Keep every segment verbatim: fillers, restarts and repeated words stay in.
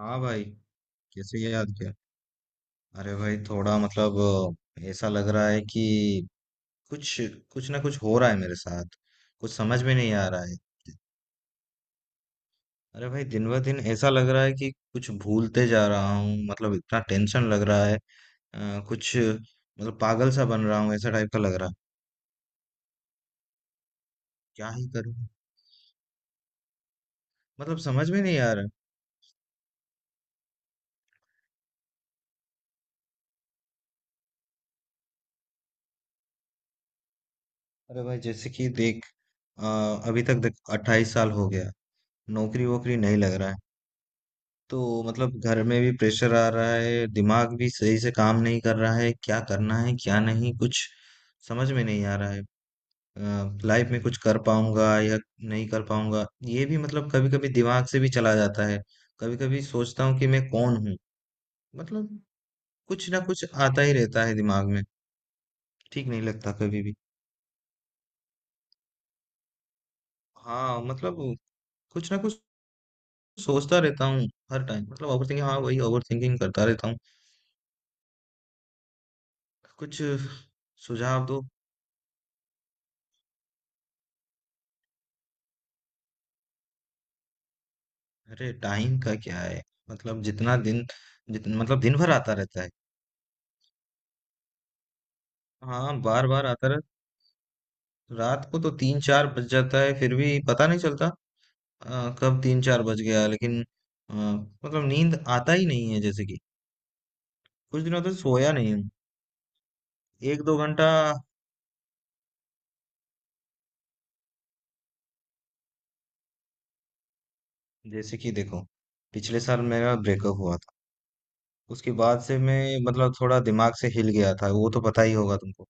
हाँ भाई। कैसे याद किया। अरे भाई थोड़ा मतलब अ, ऐसा लग रहा है कि कुछ कुछ ना कुछ हो रहा है मेरे साथ। कुछ समझ में नहीं आ रहा है। अरे भाई दिन ब दिन ऐसा लग रहा है कि कुछ भूलते जा रहा हूँ मतलब इतना टेंशन लग रहा है। अ, कुछ मतलब पागल सा बन रहा हूँ ऐसा टाइप का लग रहा है। क्या ही करूँ। मतलब समझ में नहीं आ रहा। अरे भाई जैसे कि देख अ, अभी तक देख अट्ठाईस साल हो गया। नौकरी वोकरी नहीं लग रहा है। तो मतलब घर में भी प्रेशर आ रहा है दिमाग भी सही से काम नहीं कर रहा है क्या करना है क्या नहीं कुछ समझ में नहीं आ रहा है। लाइफ में कुछ कर पाऊंगा या नहीं कर पाऊंगा ये भी मतलब कभी कभी दिमाग से भी चला जाता है। कभी कभी सोचता हूँ कि मैं कौन हूँ। मतलब कुछ ना कुछ आता ही रहता है दिमाग में। ठीक नहीं लगता कभी भी। हाँ मतलब कुछ ना कुछ सोचता रहता हूँ हर टाइम मतलब ओवर थिंकिंग हाँ वही ओवर थिंकिंग करता रहता हूँ। कुछ सुझाव दो। अरे टाइम का क्या है मतलब जितना दिन जितना मतलब दिन भर आता रहता है। हाँ बार बार आता रहता। रात को तो तीन चार बज जाता है फिर भी पता नहीं चलता। अ, कब तीन चार बज गया लेकिन अ, मतलब नींद आता ही नहीं है जैसे कि कुछ दिनों तक सोया नहीं हूँ। एक दो घंटा। जैसे कि देखो पिछले साल मेरा ब्रेकअप हुआ था। उसके बाद से मैं मतलब थोड़ा दिमाग से हिल गया था वो तो पता ही होगा तुमको।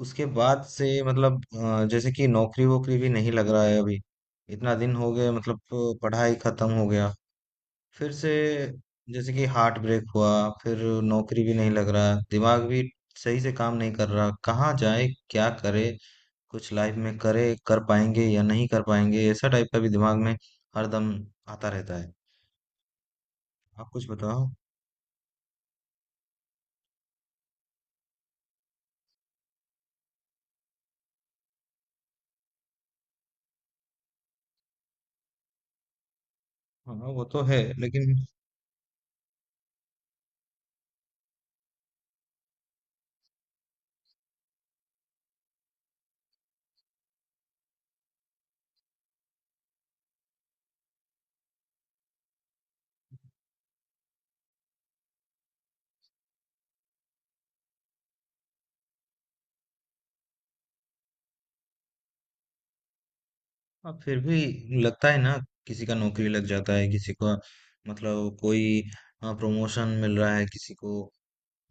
उसके बाद से मतलब अ, जैसे कि नौकरी वोकरी भी नहीं लग रहा है अभी। इतना दिन हो गए मतलब अ, पढ़ाई खत्म हो गया। फिर से जैसे कि हार्ट ब्रेक हुआ। फिर नौकरी भी नहीं लग रहा दिमाग भी सही से काम नहीं कर रहा कहाँ जाए क्या करे। कुछ लाइफ में करे कर पाएंगे या नहीं कर पाएंगे ऐसा टाइप का भी दिमाग में हरदम आता रहता है। आप कुछ बताओ। हाँ वो तो है लेकिन। हाँ फिर भी लगता है ना। किसी का नौकरी लग जाता है किसी का मतलब कोई प्रमोशन मिल रहा है किसी को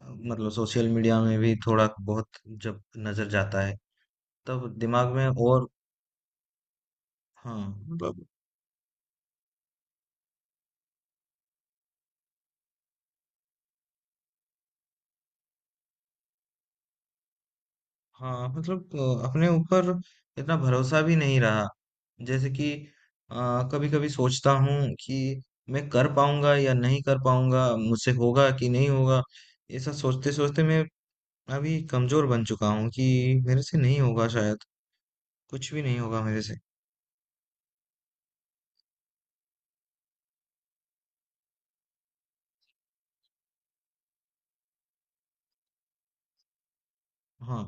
अ, मतलब सोशल मीडिया में भी थोड़ा बहुत जब नजर जाता है तब दिमाग में और। हाँ मतलब। हाँ मतलब अ, अपने ऊपर इतना भरोसा भी नहीं रहा। जैसे कि कभी कभी सोचता हूँ कि मैं कर पाऊंगा या नहीं कर पाऊंगा मुझसे होगा कि नहीं होगा। ऐसा सोचते सोचते मैं मैं अभी कमजोर बन चुका हूँ कि मेरे से नहीं होगा शायद। कुछ भी नहीं होगा मेरे से। हाँ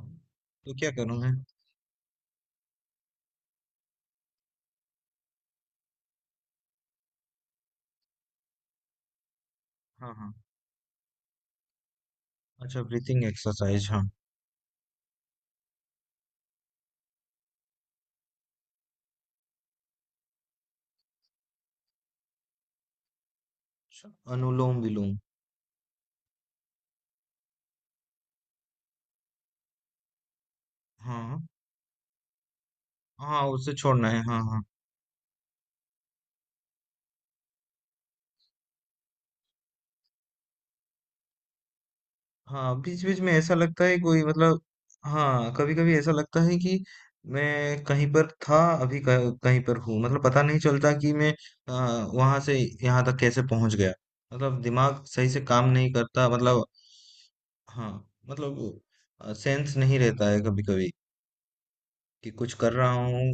तो क्या करूँ मैं। हाँ हाँ। अच्छा, ब्रीथिंग एक्सरसाइज हाँ। अच्छा, अनुलोम विलोम। हाँ हाँ हाँ, उसे छोड़ना है हाँ हाँ। हाँ बीच बीच में ऐसा लगता है कोई मतलब। हाँ कभी कभी ऐसा लगता है कि मैं कहीं पर था अभी कह- कहीं पर हूँ मतलब पता नहीं चलता कि मैं आ, वहां से यहाँ तक कैसे पहुंच गया। मतलब दिमाग सही से काम नहीं करता मतलब। हाँ मतलब सेंस नहीं रहता है कभी कभी कि कुछ कर रहा हूँ।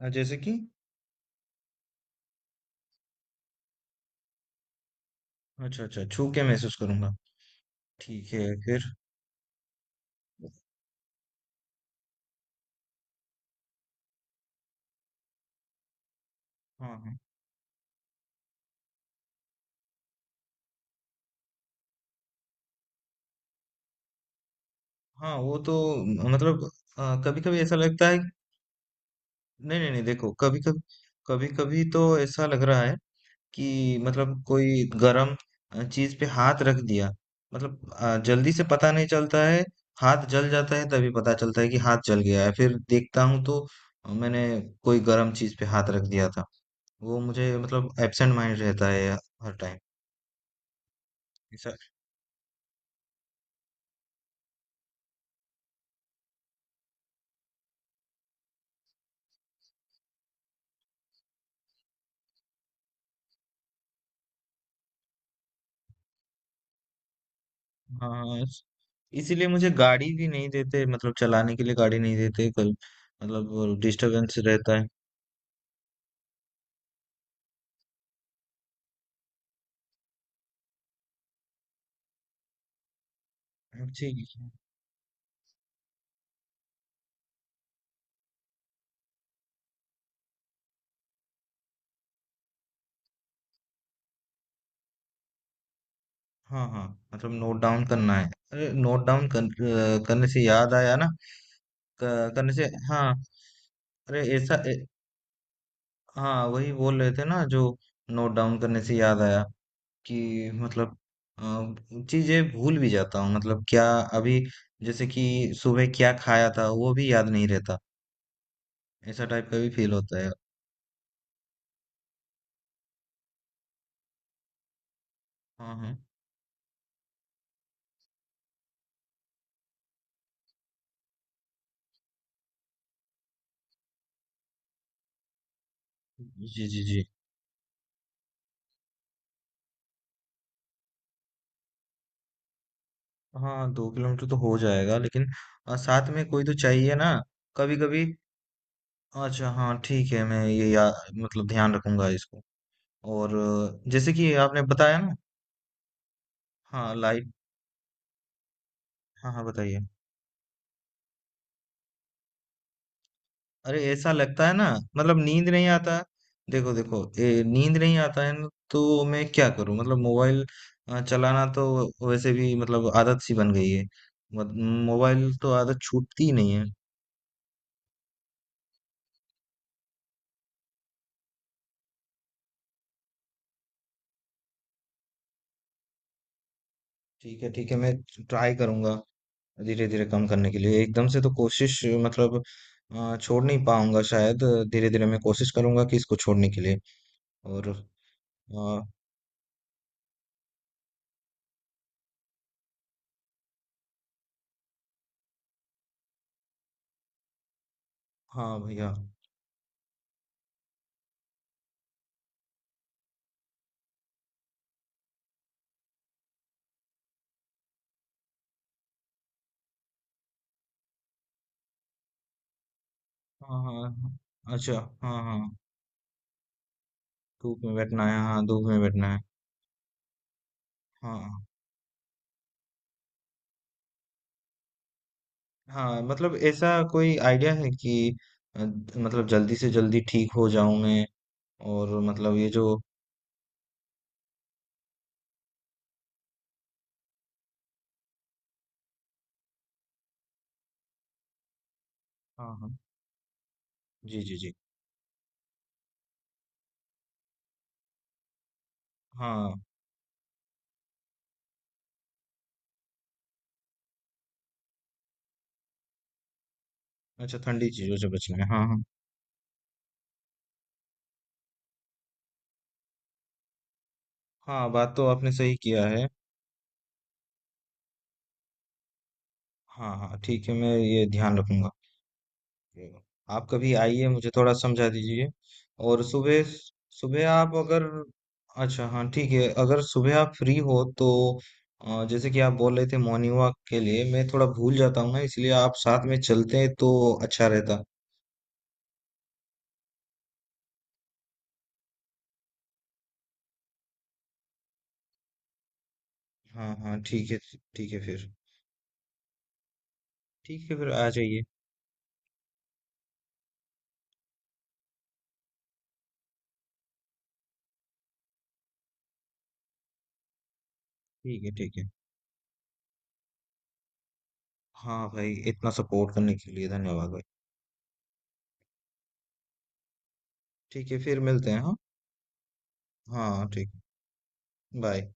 अ, जैसे कि। अच्छा अच्छा छू के महसूस करूंगा। ठीक है फिर। हाँ हाँ। हाँ वो तो म- मतलब कभी कभी ऐसा लगता है। नहीं नहीं नहीं देखो कभी कभी कभी कभी तो ऐसा लग रहा है कि मतलब कोई गरम अ, चीज पे हाथ रख दिया मतलब अ, जल्दी से पता नहीं चलता है। हाथ जल जाता है तभी पता चलता है कि हाथ जल गया है फिर देखता हूँ तो अ, मैंने कोई गरम चीज पे हाथ रख दिया था। वो मुझे मतलब एब्सेंट माइंड रहता है हर टाइम। ऐसा हाँ इस- इसीलिए मुझे गाड़ी भी नहीं देते मतलब चलाने के लिए गाड़ी नहीं देते कल। मतलब डिस्टरबेंस रहता है। जी। हाँ हाँ मतलब नोट डाउन करना है। अरे नोट डाउन कर, अ, करने से याद आया ना। क- करने से हाँ। अरे ऐसा ए, हाँ वही बोल रहे थे ना जो नोट डाउन करने से याद आया कि मतलब अ, चीज़ें भूल भी जाता हूँ मतलब क्या अभी जैसे कि सुबह क्या खाया था वो भी याद नहीं रहता। ऐसा टाइप का भी फील होता है। हाँ हाँ। जी जी जी। हाँ दो किलोमीटर तो हो जाएगा लेकिन अ, साथ में कोई तो चाहिए ना कभी कभी। अच्छा हाँ ठीक है मैं ये या मतलब ध्यान रखूंगा इसको। और अ, जैसे कि आपने बताया ना। हाँ लाइट। हाँ हाँ बताइए। अरे ऐसा लगता है ना मतलब नींद नहीं आता। देखो देखो ए, नींद नहीं आता है ना तो मैं क्या करूं मतलब मोबाइल अ, चलाना तो वैसे भी मतलब आदत सी बन गई है। मत- मोबाइल तो आदत छूटती ही नहीं है। ठीक है ठीक है मैं ट्राई करूंगा। धीरे धीरे कम करने के लिए एकदम से तो कोशिश मतलब अ, छोड़ नहीं पाऊंगा शायद। धीरे धीरे मैं कोशिश करूंगा कि इसको छोड़ने के लिए और अ, हाँ भैया। हाँ हाँ हाँ, अच्छा हाँ हाँ धूप में बैठना है हाँ धूप में बैठना है। हाँ हाँ मतलब ऐसा कोई आइडिया है कि अ, मतलब जल्दी से जल्दी ठीक हो जाऊं मैं। और मतलब ये जो हाँ हाँ जी जी जी हाँ। अच्छा ठंडी चीजों से बचना है हाँ हाँ। हाँ बात तो आपने सही किया है। हाँ हाँ ठीक है मैं ये ध्यान रखूंगा। जी। आप कभी आइए मुझे थोड़ा समझा दीजिए। और सुबह सुबह आप अगर अच्छा हाँ ठीक है अगर सुबह आप फ्री हो तो अ, जैसे कि आप बोल रहे थे मॉर्निंग वॉक के लिए मैं थोड़ा भूल जाता हूँ ना इसलिए आप साथ में चलते हैं तो अच्छा रहता। हाँ हाँ ठीक है। ठीक है फिर। ठीक है फिर आ जाइए। ठीक है ठीक है। हाँ भाई इतना सपोर्ट करने के लिए धन्यवाद भाई। ठीक है फिर मिलते हैं हाँ। हाँ ठीक। बाय।